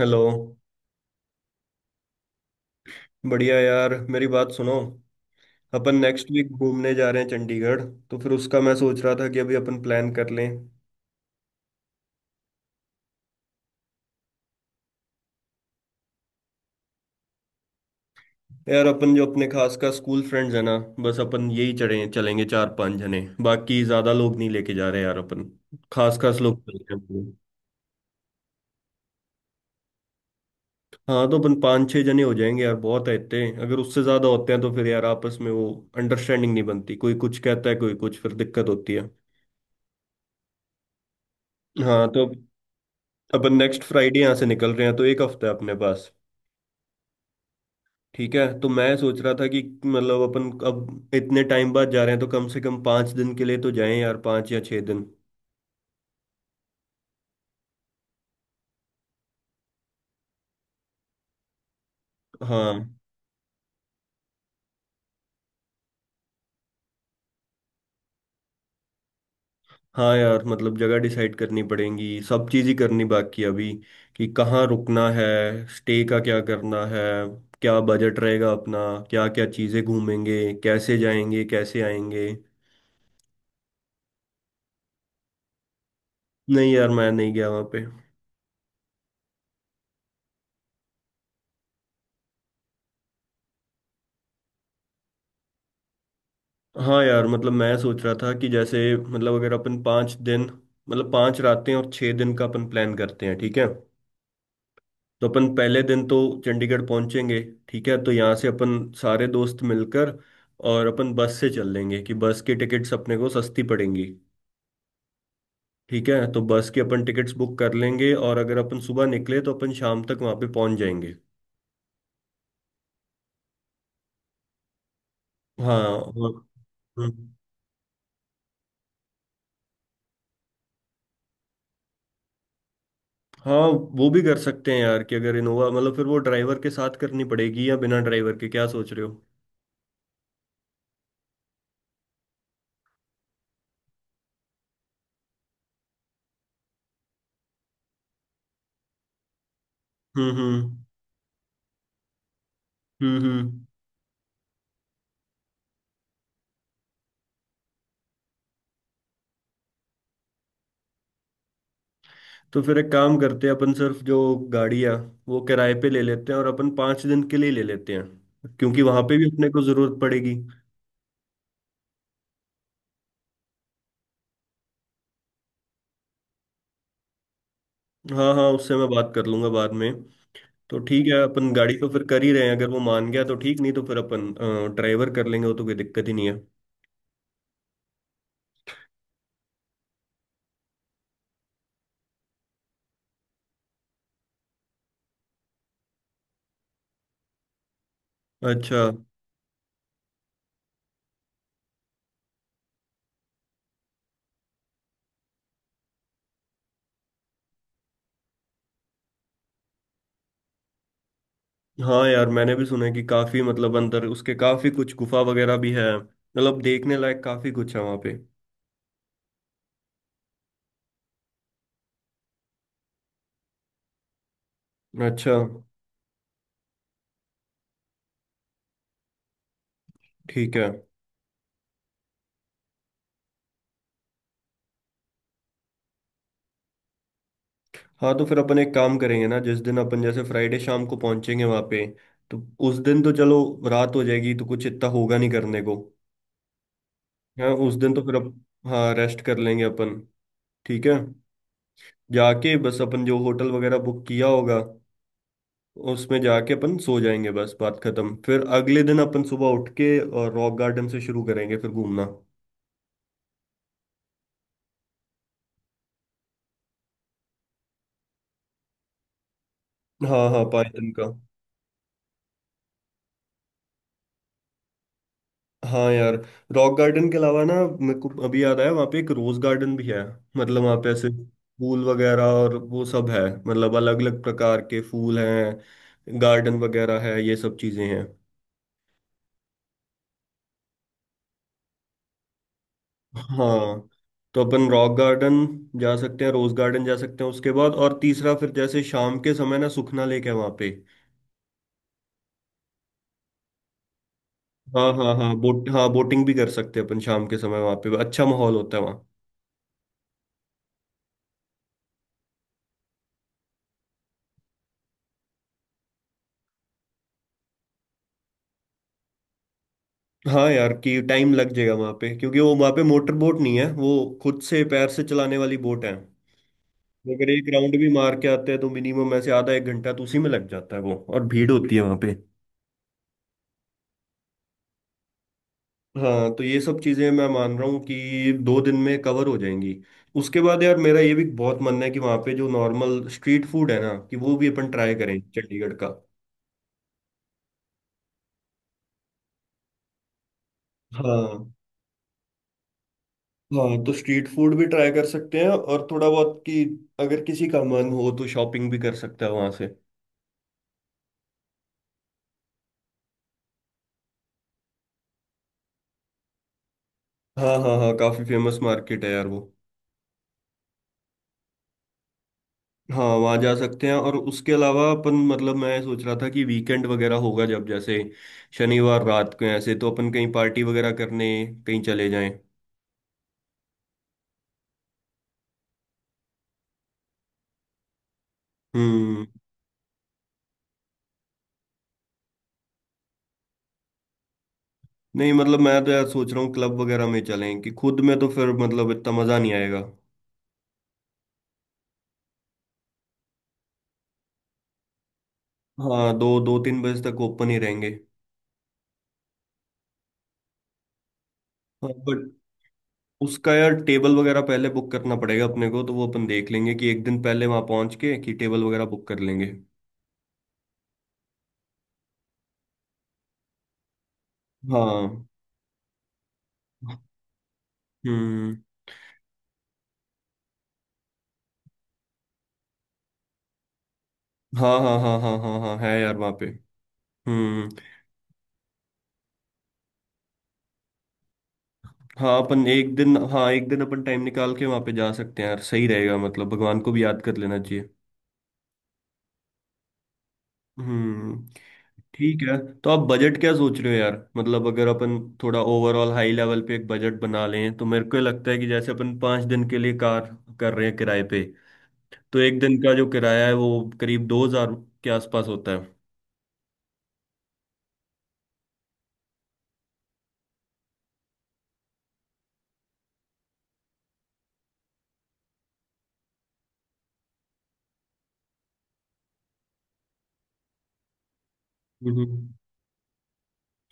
Hello. बढ़िया यार, मेरी बात सुनो। अपन नेक्स्ट वीक घूमने जा रहे हैं चंडीगढ़। तो फिर उसका मैं सोच रहा था कि अभी अपन प्लान कर लें। यार, अपन जो अपने खास का स्कूल फ्रेंड्स है ना, बस अपन यही चढ़े चलेंगे चार पांच जने। बाकी ज्यादा लोग नहीं लेके जा रहे यार अपन। खास खास लोग चल रहे हैं अपन। हाँ तो अपन पाँच छह जने हो जाएंगे यार, बहुत है इतने। अगर उससे ज्यादा होते हैं तो फिर यार आपस में वो अंडरस्टैंडिंग नहीं बनती, कोई कुछ कहता है कोई कुछ, फिर दिक्कत होती है। हाँ। तो अपन नेक्स्ट फ्राइडे यहाँ से निकल रहे हैं, तो एक हफ्ता है अपने पास। ठीक है, तो मैं सोच रहा था कि मतलब अपन अब इतने टाइम बाद जा रहे हैं, तो कम से कम 5 दिन के लिए तो जाएं यार, 5 या 6 दिन। हाँ। हाँ यार, मतलब जगह डिसाइड करनी पड़ेगी, सब चीज़ ही करनी बाकी है अभी। कि कहाँ रुकना है, स्टे का क्या करना है, क्या बजट रहेगा अपना, क्या क्या चीज़ें घूमेंगे, कैसे जाएंगे कैसे आएंगे। नहीं यार, मैं नहीं गया वहाँ पे। हाँ यार, मतलब मैं सोच रहा था कि जैसे मतलब अगर अपन 5 दिन, मतलब 5 रातें और 6 दिन का अपन प्लान करते हैं, ठीक है। तो अपन पहले दिन तो चंडीगढ़ पहुंचेंगे। ठीक है, तो यहाँ से अपन सारे दोस्त मिलकर, और अपन बस से चल लेंगे, कि बस की टिकट्स अपने को सस्ती पड़ेंगी। ठीक है, तो बस की अपन टिकट्स बुक कर लेंगे, और अगर अपन सुबह निकले तो अपन शाम तक वहाँ पे पहुंच जाएंगे। हाँ। हम्म, हाँ। वो भी कर सकते हैं यार, कि अगर इनोवा मतलब फिर वो ड्राइवर के साथ करनी पड़ेगी या बिना ड्राइवर के, क्या सोच रहे हो। हम्म। हम्म। तो फिर एक काम करते हैं, अपन सिर्फ जो गाड़ियाँ, वो किराए पे ले लेते हैं, और अपन 5 दिन के लिए ले लेते हैं, क्योंकि वहाँ पे भी अपने को ज़रूरत पड़ेगी। हाँ हाँ, उससे मैं बात कर लूंगा बाद में। तो ठीक है, अपन गाड़ी तो फिर कर ही रहे हैं, अगर वो मान गया तो ठीक, नहीं तो फिर अपन ड्राइवर कर लेंगे, वो तो कोई दिक्कत ही नहीं है। अच्छा। हाँ यार, मैंने भी सुना है कि काफ़ी मतलब अंदर उसके काफ़ी कुछ गुफा वगैरह भी है, मतलब देखने लायक काफ़ी कुछ है वहाँ पे। अच्छा। ठीक है। हाँ, तो फिर अपन एक काम करेंगे ना, जिस दिन अपन जैसे फ्राइडे शाम को पहुंचेंगे वहां पे, तो उस दिन तो चलो रात हो जाएगी, तो कुछ इतना होगा नहीं करने को। हाँ उस दिन तो फिर। हाँ, रेस्ट कर लेंगे अपन। ठीक है। जाके बस अपन जो होटल वगैरह बुक किया होगा, उसमें जाके अपन सो जाएंगे, बस बात खत्म। फिर अगले दिन अपन सुबह उठ के और रॉक गार्डन से शुरू करेंगे फिर घूमना। हाँ हाँ पायथन का। हाँ यार, रॉक गार्डन के अलावा ना, मेरे को अभी याद आया, वहाँ पे एक रोज गार्डन भी है, मतलब वहाँ पे ऐसे फूल वगैरह और वो सब है, मतलब अलग अलग प्रकार के फूल हैं, गार्डन वगैरह है, ये सब चीजें हैं। हाँ, तो अपन रॉक गार्डन जा सकते हैं, रोज गार्डन जा सकते हैं, उसके बाद और तीसरा फिर जैसे शाम के समय ना सुखना लेक है वहाँ पे। हाँ हाँ हाँ बोट, हाँ बोटिंग भी कर सकते हैं अपन, शाम के समय वहाँ पे अच्छा माहौल होता है। हाँ यार, कि टाइम लग जाएगा वहां पे, क्योंकि वो वहां पे मोटर बोट नहीं है, वो खुद से पैर से चलाने वाली बोट है। अगर एक राउंड भी मार के आते हैं तो मिनिमम ऐसे आधा एक घंटा तो उसी में लग जाता है, वो और भीड़ होती है वहां पे। हाँ, तो ये सब चीजें मैं मान रहा हूँ कि 2 दिन में कवर हो जाएंगी। उसके बाद यार मेरा ये भी बहुत मन है कि वहाँ पे जो नॉर्मल स्ट्रीट फूड है ना, कि वो भी अपन ट्राई करें चंडीगढ़ का। हाँ। हाँ, तो स्ट्रीट फूड भी ट्राई कर सकते हैं, और थोड़ा बहुत कि अगर किसी का मन हो तो शॉपिंग भी कर सकता है वहाँ से। हाँ हाँ हाँ, काफी फेमस मार्केट है यार वो। हाँ, वहाँ जा सकते हैं, और उसके अलावा अपन मतलब मैं सोच रहा था कि वीकेंड वगैरह होगा जब जैसे शनिवार रात को ऐसे, तो अपन कहीं पार्टी वगैरह करने कहीं चले जाएं। हम्म। नहीं मतलब मैं तो यार सोच रहा हूँ क्लब वगैरह में चलें, कि खुद में तो फिर मतलब इतना मजा नहीं आएगा। हाँ, दो दो तीन बजे तक ओपन ही रहेंगे। हाँ बट उसका यार टेबल वगैरह पहले बुक करना पड़ेगा अपने को, तो वो अपन देख लेंगे कि एक दिन पहले वहाँ पहुँच के कि टेबल वगैरह बुक कर लेंगे। हाँ। हम्म। हाँ हाँ हाँ हाँ हाँ हाँ, है यार वहाँ पे। हम्म। हाँ, अपन एक दिन, हाँ एक दिन अपन टाइम निकाल के वहाँ पे जा सकते हैं यार, सही रहेगा, मतलब भगवान को भी याद कर लेना चाहिए। हम्म। ठीक है। तो आप बजट क्या सोच रहे हो यार, मतलब अगर अपन थोड़ा ओवरऑल हाई लेवल पे एक बजट बना लें, तो मेरे को लगता है कि जैसे अपन 5 दिन के लिए कार कर रहे हैं किराए पे, तो एक दिन का जो किराया है वो करीब 2,000 के आसपास होता है। हम्म।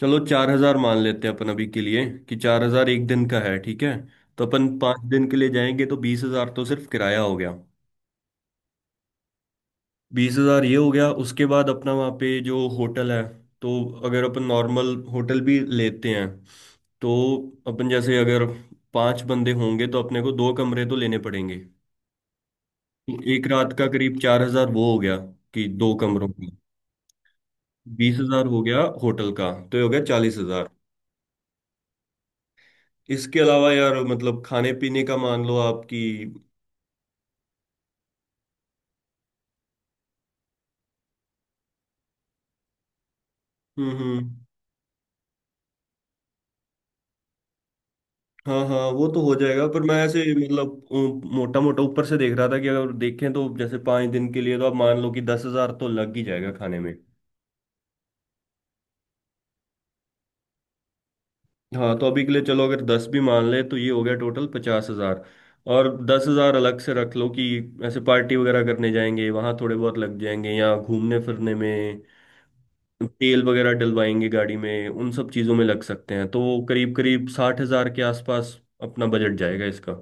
चलो 4,000 मान लेते हैं अपन अभी के लिए, कि 4,000 एक दिन का है, ठीक है। तो अपन 5 दिन के लिए जाएंगे तो 20,000 तो सिर्फ किराया हो गया। 20,000 ये हो गया। उसके बाद अपना वहाँ पे जो होटल है, तो अगर अपन नॉर्मल होटल भी लेते हैं, तो अपन जैसे अगर 5 बंदे होंगे तो अपने को 2 कमरे तो लेने पड़ेंगे। तो एक रात का करीब 4,000 वो हो गया, कि 2 कमरों का। 20,000 हो गया होटल का, तो ये हो गया 40,000। इसके अलावा यार मतलब खाने पीने का मान लो, आपकी। हम्म। हाँ हाँ, वो तो हो जाएगा, पर मैं ऐसे मतलब मोटा मोटा ऊपर से देख रहा था कि अगर देखें तो जैसे 5 दिन के लिए तो आप मान लो कि 10,000 तो लग ही जाएगा खाने में। हाँ, तो अभी के लिए चलो अगर दस भी मान ले तो ये हो गया टोटल 50,000। और 10,000 अलग से रख लो कि ऐसे पार्टी वगैरह करने जाएंगे वहाँ थोड़े बहुत लग जाएंगे, या घूमने फिरने में तेल वगैरह डलवाएंगे गाड़ी में, उन सब चीज़ों में लग सकते हैं। तो करीब करीब 60,000 के आसपास अपना बजट जाएगा इसका।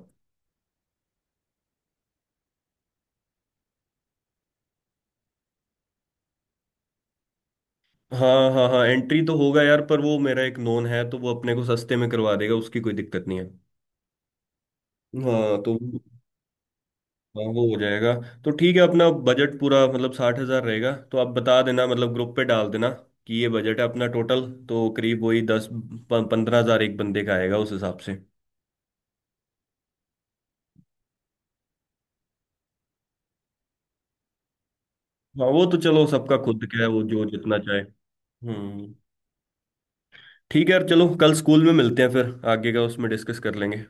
हाँ हाँ हाँ, एंट्री तो होगा यार, पर वो मेरा एक नोन है, तो वो अपने को सस्ते में करवा देगा, उसकी कोई दिक्कत नहीं है। हाँ तो हाँ, वो हो जाएगा। तो ठीक है, अपना बजट पूरा मतलब 60,000 रहेगा, तो आप बता देना, मतलब ग्रुप पे डाल देना कि ये बजट है अपना टोटल। तो करीब वही 10-15,000 एक बंदे का आएगा उस हिसाब से। हाँ, वो तो चलो सबका खुद का है, वो जो जितना चाहे। हम्म। ठीक है यार, चलो कल स्कूल में मिलते हैं, फिर आगे का उसमें डिस्कस कर लेंगे।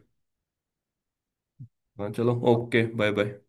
हाँ चलो, ओके, बाय बाय।